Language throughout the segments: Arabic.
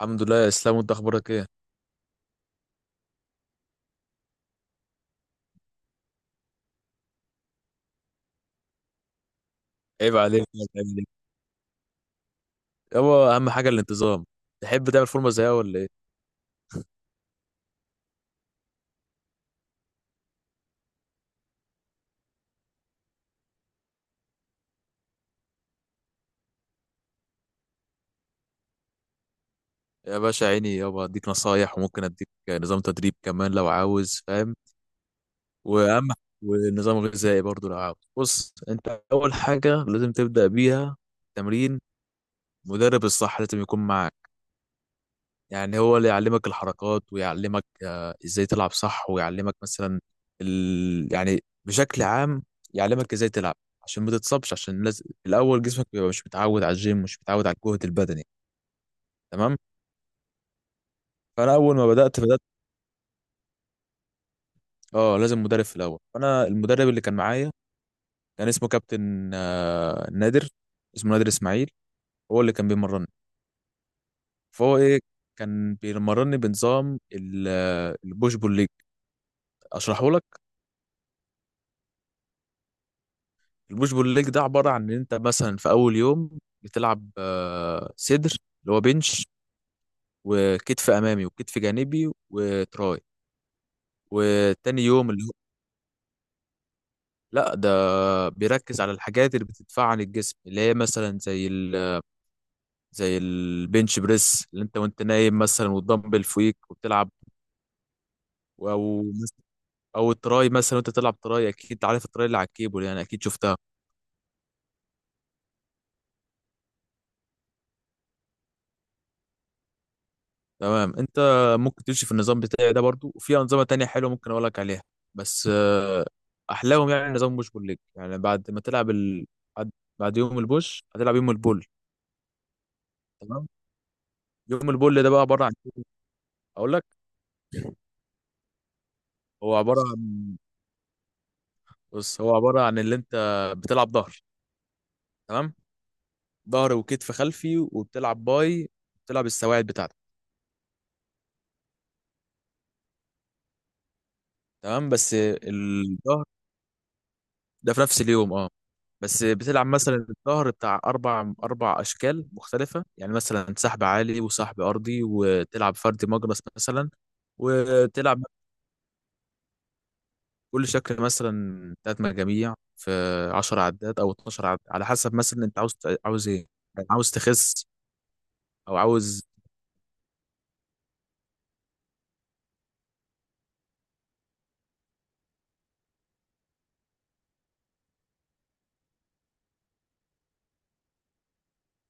الحمد لله يا اسلام، وانت اخبارك ايه؟ عيب عليك يا زميلي. يابا اهم حاجه الانتظام. تحب تعمل فورمه زيها ولا ايه؟ يا باشا عيني، يابا اديك نصايح وممكن اديك نظام تدريب كمان لو عاوز، فاهم. واهم ونظام غذائي برضو لو عاوز. بص انت اول حاجه لازم تبدا بيها تمرين. مدرب الصح لازم يكون معاك، يعني هو اللي يعلمك الحركات ويعلمك ازاي تلعب صح، ويعلمك مثلا يعني بشكل عام، يعلمك ازاي تلعب عشان ما تتصابش، عشان لازم الاول جسمك بيبقى مش متعود على الجيم، مش متعود على الجهد البدني. تمام. فانا اول ما بدات، اه لازم مدرب في الاول. فانا المدرب اللي كان معايا كان اسمه كابتن نادر. اسمه نادر اسماعيل. هو اللي كان بيمرني. فهو ايه، كان بيمرني بنظام البوش بول ليج. اشرحه لك. البوش بول ليج ده عبارة عن إن أنت مثلا في أول يوم بتلعب صدر، اللي هو بنش، وكتف أمامي وكتف جانبي وتراي. وتاني يوم اللي هو، لا ده بيركز على الحاجات اللي بتدفع عن الجسم، اللي هي مثلا زي البنش بريس، اللي أنت وأنت نايم مثلا والدمبل فوقيك وبتلعب، أو أو التراي مثلا، وأنت تلعب تراي أكيد عارف التراي اللي على الكيبل، يعني أكيد شفتها. تمام انت ممكن تمشي في النظام بتاعي ده برضو، وفي انظمه تانية حلوه ممكن اقول لك عليها. بس احلاهم يعني نظام بوش بول ليج، يعني بعد ما تلعب بعد بعد يوم البوش هتلعب يوم البول. تمام. يوم البول ده بقى عباره عن إيه؟ اقول لك. هو عباره عن بص، هو عباره عن اللي انت بتلعب ظهر. تمام. ظهر وكتف خلفي، وبتلعب باي، بتلعب السواعد بتاعتك. تمام بس الظهر ده في نفس اليوم اه. بس بتلعب مثلا الظهر بتاع أربع أشكال مختلفة، يعني مثلا سحب عالي وسحب أرضي وتلعب فردي مجرس مثلا، وتلعب كل شكل مثلا تلات مجاميع في 10 عدات أو 12 عدات، على حسب مثلا أنت عاوز. عاوز إيه، يعني عاوز تخس أو عاوز.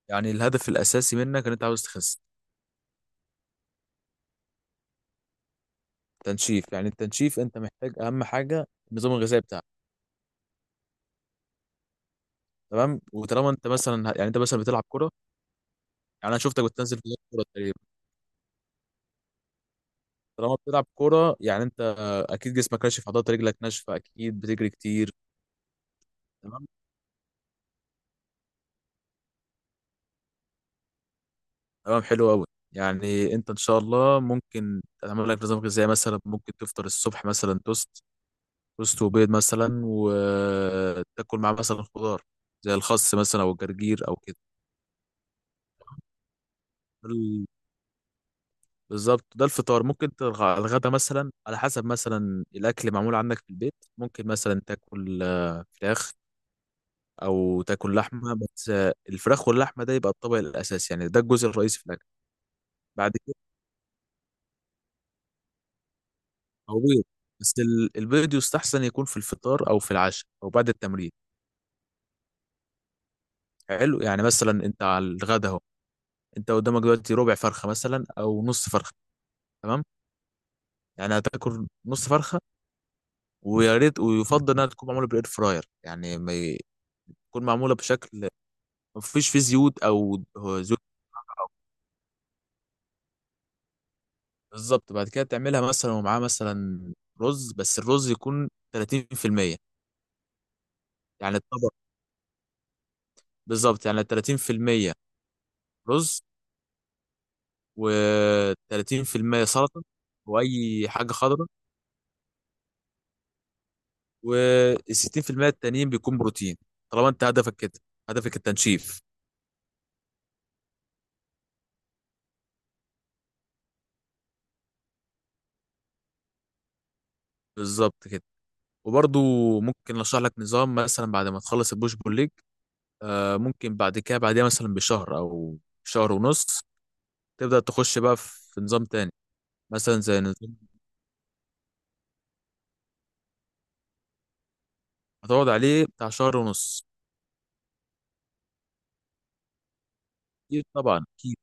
يعني الهدف الأساسي منك إن أنت عاوز تخس. تنشيف. يعني التنشيف أنت محتاج أهم حاجة النظام الغذائي بتاعك. تمام. وطالما أنت مثلا بتلعب كرة، يعني أنا شفتك بتنزل في كرة، طالما بتلعب كوره يعني انت اكيد جسمك ناشف، عضلات رجلك ناشفه، اكيد بتجري كتير. تمام، تمام، حلو قوي. يعني انت ان شاء الله ممكن تعمل لك نظام غذائي، مثلا ممكن تفطر الصبح مثلا توست وبيض مثلا، وتاكل معاه مثلا خضار زي الخس مثلا او الجرجير او كده. ال- بالظبط ده الفطار. ممكن الغدا مثلا على حسب مثلا الاكل معمول عندك في البيت، ممكن مثلا تاكل فراخ او تاكل لحمه، بس الفراخ واللحمه ده يبقى الطبق الاساسي، يعني ده الجزء الرئيسي في الاكل. بعد كده او بيض، بس البيض يستحسن يكون في الفطار او في العشاء او بعد التمرين. حلو، يعني مثلا انت على الغدا اهو، انت قدامك دلوقتي ربع فرخه مثلا او نص فرخه. تمام. يعني هتاكل نص فرخه، ويا ريت ويفضل انها تكون معموله بالاير فراير، يعني ما ي- تكون معموله بشكل ما فيش فيه زيوت او هو زيوت. بالظبط. بعد كده تعملها مثلا، ومعاه مثلا رز، بس الرز يكون 30%. يعني الطبق بالظبط، يعني 30% رز و30% سلطة، وأي حاجة خضراء، وال60% التانيين بيكون بروتين. طالما أنت هدفك كده، هدفك التنشيف. بالظبط كده. وبرضو ممكن أشرح لك نظام مثلا بعد ما تخلص البوش بول ليج. ممكن بعد كده، بعدها مثلا بشهر أو شهر ونص تبدأ تخش بقى في نظام تاني، مثلا زي نظام هتقعد عليه بتاع شهر ونص. أكيد طبعا أكيد.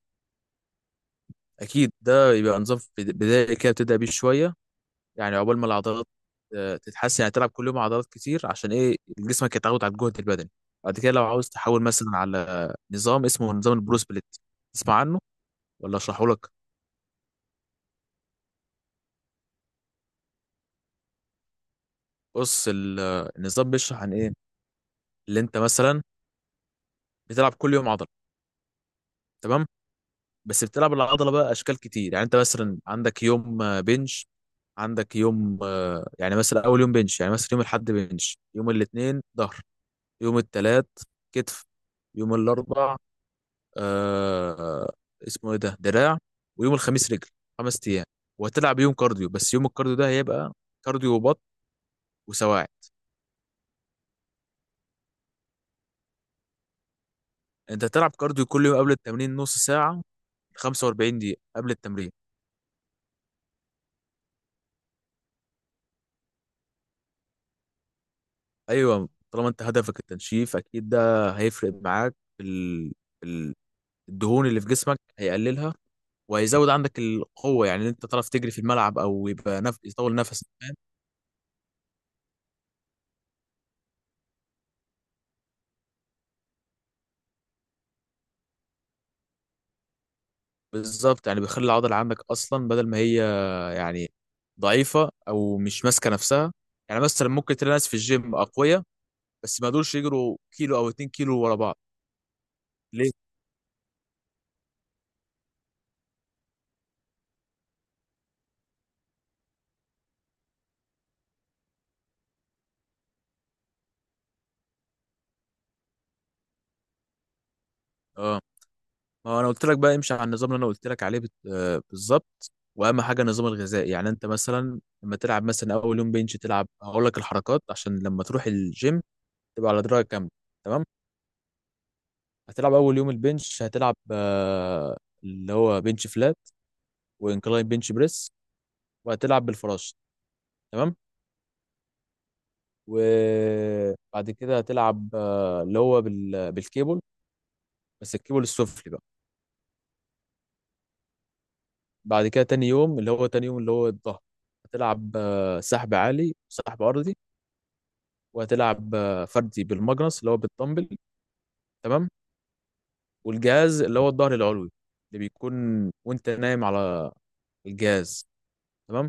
أكيد ده يبقى نظام بدائي كده بتبدأ بيه شوية، يعني عقبال ما العضلات تتحسن، يعني تلعب كل يوم عضلات كتير عشان ايه جسمك يتعود على الجهد البدني. بعد كده لو عاوز تحول مثلا على نظام اسمه نظام البرو سبليت. تسمع عنه ولا اشرحه لك؟ بص النظام بيشرح عن ايه، اللي انت مثلا بتلعب كل يوم عضله. تمام بس بتلعب العضله بقى اشكال كتير، يعني انت مثلا عندك يوم بنش، عندك يوم يعني مثلا اول يوم بنش، يعني مثلا يوم الاحد بنش، يوم الاثنين ظهر، يوم الثلاث كتف، يوم الاربع آه اسمه ايه ده، دراع، ويوم الخميس رجل، 5 ايام. وهتلعب يوم كارديو، بس يوم الكارديو ده هيبقى كارديو وبط وسواعد. انت هتلعب كارديو كل يوم قبل التمرين نص ساعة، 45 دقيقة قبل التمرين. ايوه، طالما انت هدفك التنشيف اكيد ده هيفرق معاك في ال- الدهون اللي في جسمك هيقللها، وهيزود عندك القوة، يعني ان انت تعرف تجري في الملعب، او يبقى يطول نفسك. بالظبط، يعني بيخلي العضله عندك اصلا بدل ما هي، يعني ضعيفه او مش ماسكه نفسها. يعني مثلا ممكن تلاقي ناس في الجيم اقوياء، بس ما يقدروش يجروا كيلو او 2 كيلو ورا بعض، ليه؟ اه، ما هو انا قلت لك بقى امشي على النظام اللي انا قلت لك عليه بالظبط. واهم حاجه النظام الغذائي، يعني انت مثلا لما تلعب مثلا اول يوم بنش تلعب هقول لك الحركات عشان لما تروح الجيم تبقى على درايه كامله. تمام. هتلعب اول يوم البنش هتلعب اللي هو بنش فلات وانكلاين بنش بريس، وهتلعب بالفراشه. تمام. وبعد كده هتلعب اللي هو بالكيبل، بس الكيبل السفلي بقى. بعد كده تاني يوم اللي هو الظهر. هتلعب سحب عالي وسحب ارضي، وهتلعب فردي بالماجنس اللي هو بالدمبل. تمام. والجهاز اللي هو الظهر العلوي اللي بيكون وانت نايم على الجهاز. تمام.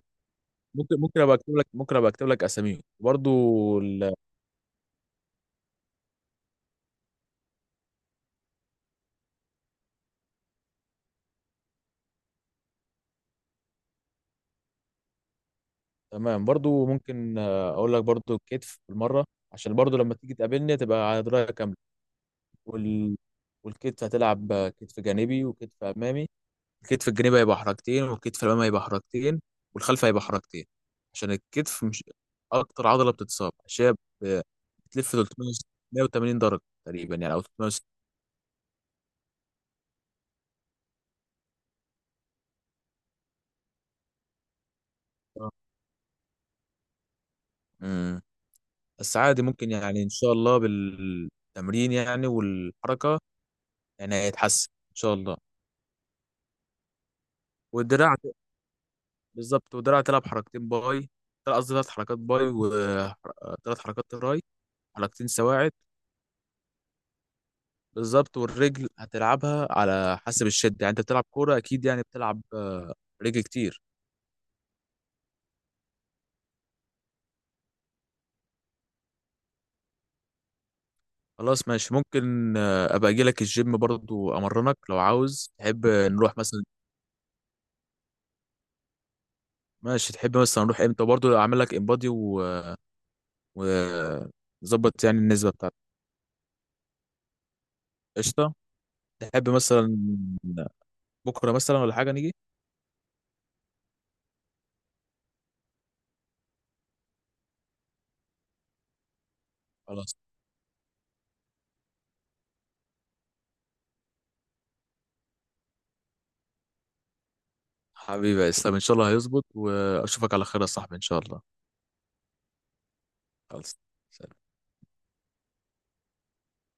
ممكن ابقى اكتب لك اساميهم برضو. ال... تمام برضو ممكن اقول لك برضو الكتف بالمره عشان برضو لما تيجي تقابلني تبقى على درايه كامله. وال... والكتف هتلعب كتف جانبي وكتف امامي. الكتف الجانبي هيبقى حركتين، والكتف الامامي هيبقى حركتين، والخلف هيبقى حركتين. عشان الكتف مش اكتر عضله بتتصاب، عشان هي ب- بتلف 380 درجه تقريبا، يعني او 360 درجة. امم بس عادي، ممكن يعني ان شاء الله بالتمرين يعني والحركه يعني هيتحسن ان شاء الله. والدراع ت- بالظبط. والدراع تلعب حركتين باي، قصدي ثلاث حركات باي وثلاث حركات تراي، حركتين سواعد. بالظبط. والرجل هتلعبها على حسب الشد، يعني انت بتلعب كوره اكيد يعني بتلعب رجل كتير. خلاص ماشي. ممكن ابقى اجي لك الجيم برضو امرنك لو عاوز، تحب نروح مثلا؟ ماشي تحب مثلا نروح امتى، برضو اعمل لك انبادي و- نظبط يعني النسبه بتاعتك. قشطه. تحب مثلا بكره مثلا ولا حاجه نيجي؟ خلاص حبيبي يا اسلام، ان شاء الله هيظبط واشوفك على خير يا صاحبي ان شاء الله. خلاص